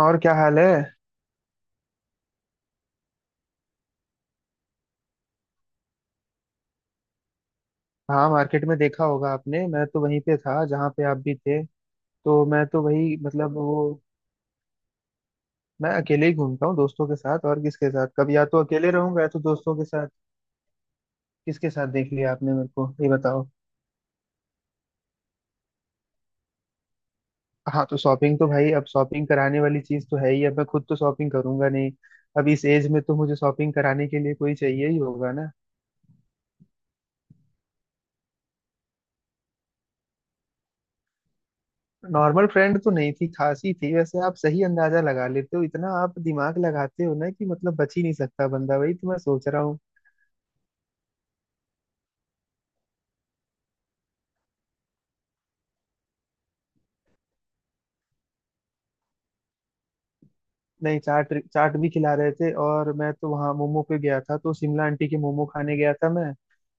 और क्या हाल है। हाँ, मार्केट में देखा होगा आपने। मैं तो वहीं पे था जहाँ पे आप भी थे। तो मैं तो वही मतलब वो मैं अकेले ही घूमता हूँ दोस्तों के साथ। और किसके साथ? कभी या तो अकेले रहूंगा या तो दोस्तों के साथ। किसके साथ देख लिया आपने? मेरे को ये बताओ। हाँ, तो शॉपिंग तो भाई, अब शॉपिंग कराने वाली चीज तो है ही। अब मैं खुद तो शॉपिंग करूंगा नहीं। अब इस एज में तो मुझे शॉपिंग कराने के लिए कोई चाहिए ही होगा ना। नॉर्मल फ्रेंड तो नहीं थी, खास ही थी। वैसे आप सही अंदाजा लगा लेते हो, इतना आप दिमाग लगाते हो ना कि मतलब बच ही नहीं सकता बंदा। वही तो मैं सोच रहा हूँ। नहीं, चाट चाट भी खिला रहे थे, और मैं तो वहाँ मोमो पे गया था, तो शिमला आंटी के मोमो खाने गया था मैं।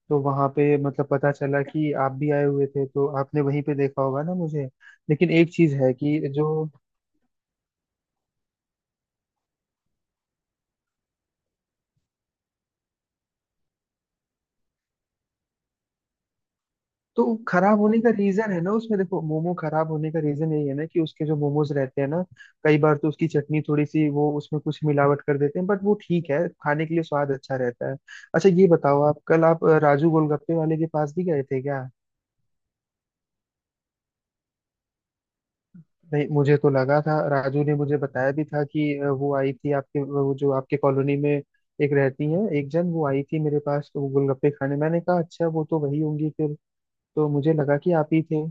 तो वहाँ पे मतलब पता चला कि आप भी आए हुए थे, तो आपने वहीं पे देखा होगा ना मुझे। लेकिन एक चीज है कि जो। तो खराब होने का रीजन है ना उसमें, देखो, मोमो खराब होने का रीजन यही है ना कि उसके जो मोमोज रहते हैं ना, कई बार तो उसकी चटनी थोड़ी सी, वो उसमें कुछ मिलावट कर देते हैं। बट वो ठीक है, खाने के लिए स्वाद अच्छा रहता है। अच्छा, ये बताओ, आप कल आप राजू गोलगप्पे वाले के पास भी गए थे क्या? नहीं, मुझे तो लगा था, राजू ने मुझे बताया भी था कि वो आई थी आपके, वो जो आपके कॉलोनी में एक रहती है, एक जन, वो आई थी मेरे पास, तो वो गोलगप्पे खाने। मैंने कहा, अच्छा, वो तो वही होंगी फिर। तो मुझे लगा कि आप ही थे।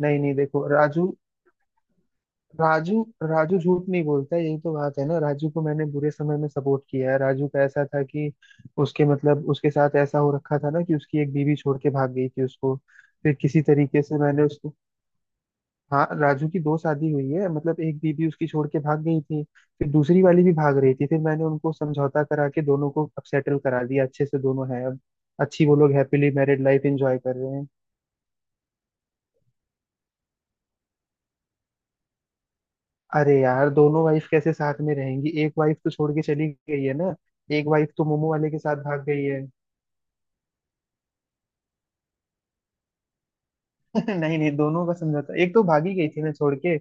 नहीं नहीं देखो राजू, राजू झूठ नहीं बोलता। यही तो बात है ना। राजू को मैंने बुरे समय में सपोर्ट किया है। राजू का ऐसा था कि उसके मतलब उसके साथ ऐसा हो रखा था ना कि उसकी एक बीवी छोड़ के भाग गई थी उसको। फिर किसी तरीके से मैंने उसको, हाँ, राजू की दो शादी हुई है मतलब एक बीबी उसकी छोड़ के भाग गई थी। फिर दूसरी वाली भी भाग रही थी, फिर मैंने उनको समझौता करा के दोनों को अब सेटल करा दिया अच्छे से, दोनों हैं अब अच्छी, वो लोग हैप्पीली मैरिड लाइफ एंजॉय कर रहे हैं। अरे यार, दोनों वाइफ कैसे साथ में रहेंगी? एक वाइफ तो छोड़ के चली गई है ना, एक वाइफ तो मोमो वाले के साथ भाग गई है। नहीं नहीं, दोनों का समझौता, एक तो भागी गई थी ना छोड़ के,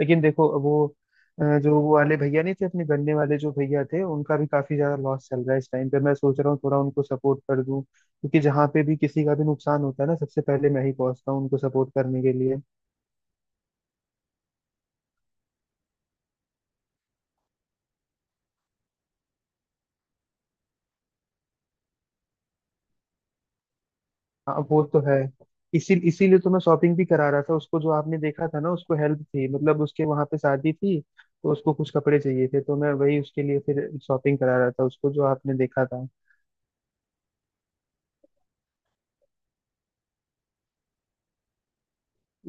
लेकिन देखो वो जो वो वाले भैया नहीं थे अपने गन्ने वाले जो भैया थे, उनका भी काफी ज्यादा लॉस चल रहा है इस टाइम पे। मैं सोच रहा हूँ थोड़ा उनको सपोर्ट कर दूं, क्योंकि जहाँ पे भी किसी का भी नुकसान होता है ना, सबसे पहले मैं ही पहुंचता हूँ उनको सपोर्ट करने के लिए। हाँ, वो तो है। इसीलिए तो मैं शॉपिंग भी करा रहा था उसको, जो आपने देखा था ना। उसको हेल्प थी, मतलब उसके वहां पे शादी थी, तो उसको कुछ कपड़े चाहिए थे, तो मैं वही उसके लिए फिर शॉपिंग करा रहा था उसको, जो आपने देखा।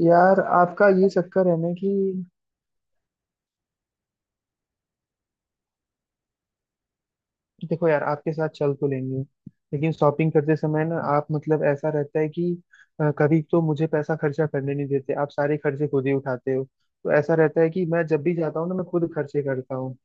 यार, आपका ये चक्कर है ना कि, देखो यार, आपके साथ चल तो लेंगे, लेकिन शॉपिंग करते समय ना आप मतलब ऐसा रहता है कि कभी तो मुझे पैसा खर्चा करने नहीं देते आप, सारे खर्चे खुद ही उठाते हो, तो ऐसा रहता है कि मैं जब भी जाता हूँ ना, मैं खुद खर्चे करता हूँ।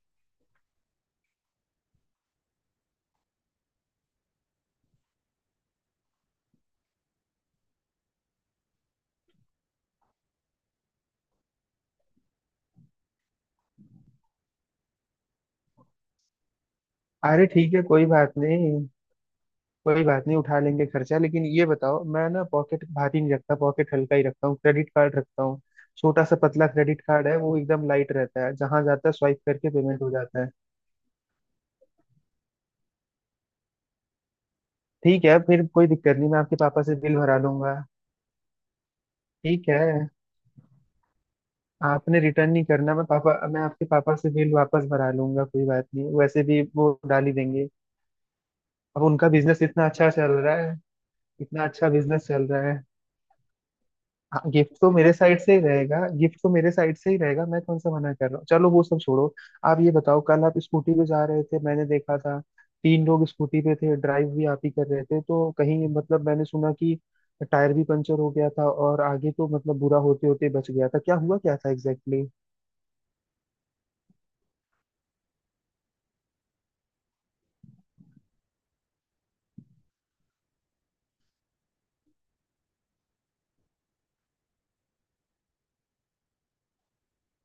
अरे ठीक है, कोई बात नहीं। कोई बात नहीं, उठा लेंगे खर्चा। लेकिन ये बताओ, मैं ना पॉकेट भारी नहीं रखता, पॉकेट हल्का ही रखता हूँ, क्रेडिट कार्ड रखता हूँ। छोटा सा पतला क्रेडिट कार्ड है, वो एकदम लाइट रहता है, जहां जाता है स्वाइप करके पेमेंट हो जाता है। ठीक है, फिर कोई दिक्कत नहीं, मैं आपके पापा से बिल भरा लूंगा। ठीक है, आपने रिटर्न नहीं करना, मैं आपके पापा से बिल वापस भरा लूंगा, कोई बात नहीं, वैसे भी वो डाल ही देंगे। अब उनका बिजनेस इतना अच्छा चल रहा है, इतना अच्छा बिजनेस चल रहा है। हाँ, गिफ्ट तो मेरे साइड से ही रहेगा, गिफ्ट तो मेरे साइड से ही रहेगा, मैं कौन सा मना कर रहा हूँ। चलो वो सब छोड़ो। आप ये बताओ, कल आप स्कूटी पे जा रहे थे मैंने देखा था, तीन लोग स्कूटी पे थे, ड्राइव भी आप ही कर रहे थे। तो कहीं मतलब मैंने सुना कि टायर भी पंचर हो गया था और आगे तो मतलब बुरा होते होते बच गया था। क्या हुआ क्या था एग्जैक्टली exactly?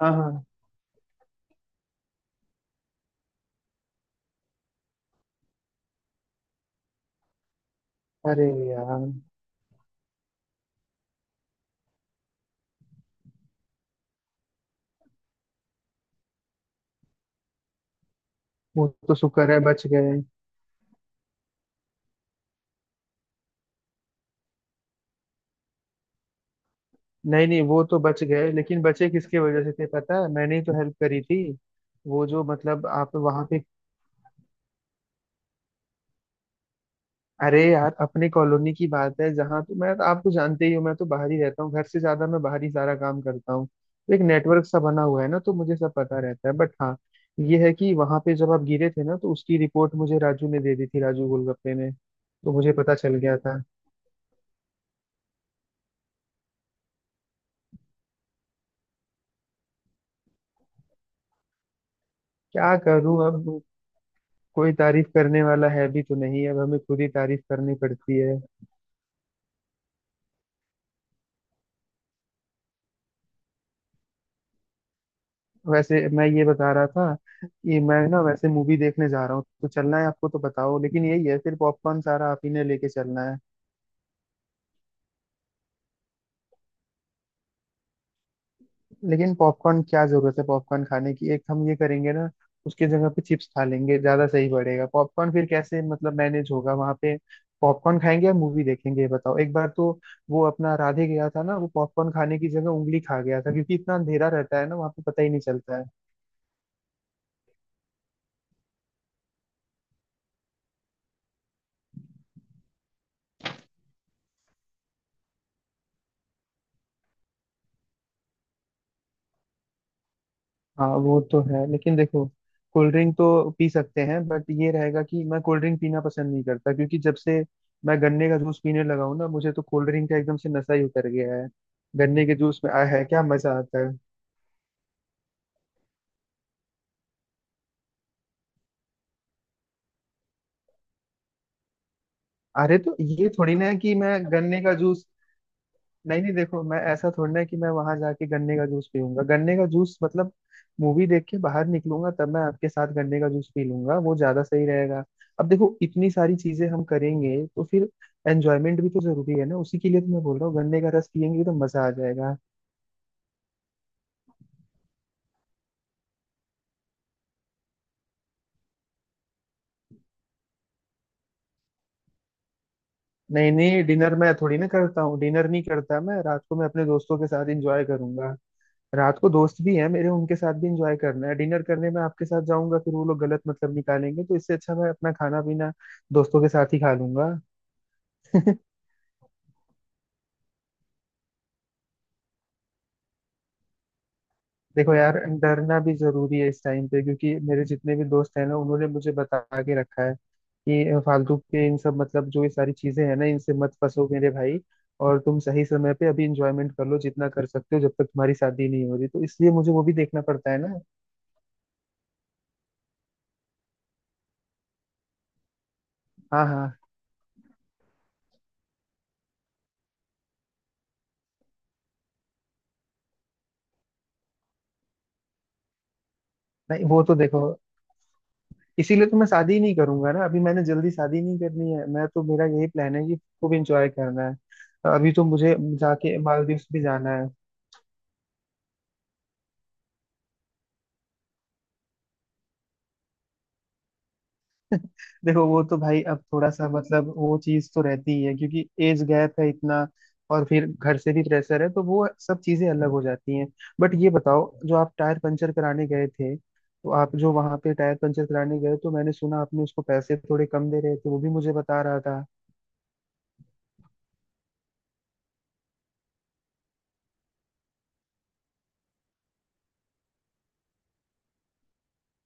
हाँ हाँ। अरे यार, वो तो शुक्र है बच गए। नहीं नहीं, वो तो बच गए, लेकिन बचे किसके वजह से थे पता है? मैंने ही तो हेल्प करी थी, वो जो मतलब आप वहां पे, अरे यार, अपने कॉलोनी की बात है जहाँ तो मैं, आप तो जानते ही हो मैं तो बाहर ही रहता हूँ घर से ज्यादा, मैं बाहर ही सारा काम करता हूँ, तो एक नेटवर्क सा बना हुआ है ना, तो मुझे सब पता रहता है। बट हाँ, ये है कि वहां पे जब आप गिरे थे ना, तो उसकी रिपोर्ट मुझे राजू ने दे दी थी, राजू गोलगप्पे ने, तो मुझे पता चल गया था। क्या करूँ अब, कोई तारीफ करने वाला है भी तो नहीं, अब हमें खुद ही तारीफ करनी पड़ती है। वैसे मैं ये बता रहा था कि मैं ना वैसे मूवी देखने जा रहा हूँ, तो चलना है आपको तो बताओ, लेकिन यही है फिर पॉपकॉर्न सारा आप ही ने लेके चलना है। लेकिन पॉपकॉर्न क्या जरूरत है पॉपकॉर्न खाने की? एक हम ये करेंगे ना, उसकी जगह पे चिप्स खा लेंगे, ज्यादा सही पड़ेगा, पॉपकॉर्न फिर कैसे मतलब मैनेज होगा वहां पे? पॉपकॉर्न खाएंगे या मूवी देखेंगे ये बताओ एक बार तो। वो अपना राधे गया था ना, वो पॉपकॉर्न खाने की जगह उंगली खा गया था, क्योंकि इतना अंधेरा रहता है ना वहां पे, पता ही नहीं चलता है। हाँ, वो तो है, लेकिन देखो, कोल्ड ड्रिंक तो पी सकते हैं, बट ये रहेगा कि मैं कोल्ड ड्रिंक पीना पसंद नहीं करता, क्योंकि जब से मैं गन्ने का जूस पीने लगा हूँ ना, मुझे तो कोल्ड ड्रिंक का एकदम से नशा ही उतर गया है। गन्ने के जूस में आ है क्या मजा आता है। अरे तो ये थोड़ी ना है कि मैं गन्ने का जूस, नहीं नहीं देखो, मैं ऐसा थोड़ी ना है कि मैं वहां जाके गन्ने का जूस पीऊंगा, गन्ने का जूस मतलब मूवी देख के बाहर निकलूंगा तब मैं आपके साथ गन्ने का जूस पी लूंगा, वो ज्यादा सही रहेगा। अब देखो, इतनी सारी चीजें हम करेंगे तो फिर एंजॉयमेंट भी तो जरूरी है ना, उसी के लिए तो मैं बोल रहा हूँ गन्ने का रस पियेंगे तो मजा आ जाएगा। नहीं नहीं, डिनर मैं थोड़ी ना करता हूँ, डिनर नहीं करता मैं रात को, मैं अपने दोस्तों के साथ एंजॉय करूंगा। रात को दोस्त भी हैं मेरे, उनके साथ भी इंजॉय करना है, डिनर करने में आपके साथ जाऊंगा फिर वो लोग गलत मतलब निकालेंगे, तो इससे अच्छा मैं अपना खाना पीना दोस्तों के साथ ही खा लूंगा। देखो यार, डरना भी जरूरी है इस टाइम पे, क्योंकि मेरे जितने भी दोस्त हैं ना उन्होंने मुझे बता के रखा है कि फालतू के इन सब मतलब जो ये सारी चीजें हैं ना, इनसे मत फंसो मेरे भाई, और तुम सही समय पे अभी इंजॉयमेंट कर लो जितना कर सकते हो जब तक तुम्हारी शादी नहीं हो रही, तो इसलिए मुझे वो भी देखना पड़ता है ना। हाँ हाँ। नहीं वो तो देखो, इसीलिए तो मैं शादी नहीं करूंगा ना अभी, मैंने जल्दी शादी नहीं करनी है, मैं तो, मेरा यही प्लान है कि खूब एंजॉय करना है। अभी तो मुझे जाके मालदीव्स भी जाना है। देखो, वो तो भाई अब थोड़ा सा मतलब वो चीज तो रहती ही है, क्योंकि एज गैप है इतना, और फिर घर से भी प्रेशर है, तो वो सब चीजें अलग हो जाती हैं। बट ये बताओ, जो आप टायर पंचर कराने गए थे, तो आप जो वहां पे टायर पंचर कराने गए, तो मैंने सुना आपने उसको पैसे थोड़े कम दे रहे थे, वो भी मुझे बता रहा था।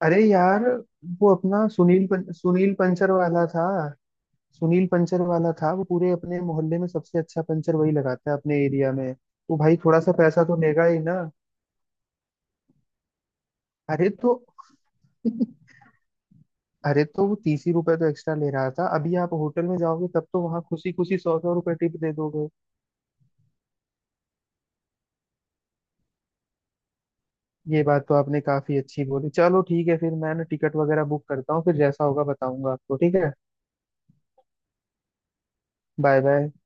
अरे यार, वो अपना सुनील पंचर वाला था, सुनील पंचर वाला था वो, पूरे अपने मोहल्ले में सबसे अच्छा पंचर वही लगाता है अपने एरिया में, तो भाई थोड़ा सा पैसा तो लेगा ही ना। अरे तो, अरे तो वो 30 ही रुपए तो एक्स्ट्रा ले रहा था। अभी आप होटल में जाओगे तब तो वहां खुशी खुशी 100-100 रुपए टिप दे दोगे। ये बात तो आपने काफी अच्छी बोली, चलो ठीक है फिर, मैं ना टिकट वगैरह बुक करता हूँ, फिर जैसा होगा बताऊंगा आपको ठीक है। Bye bye.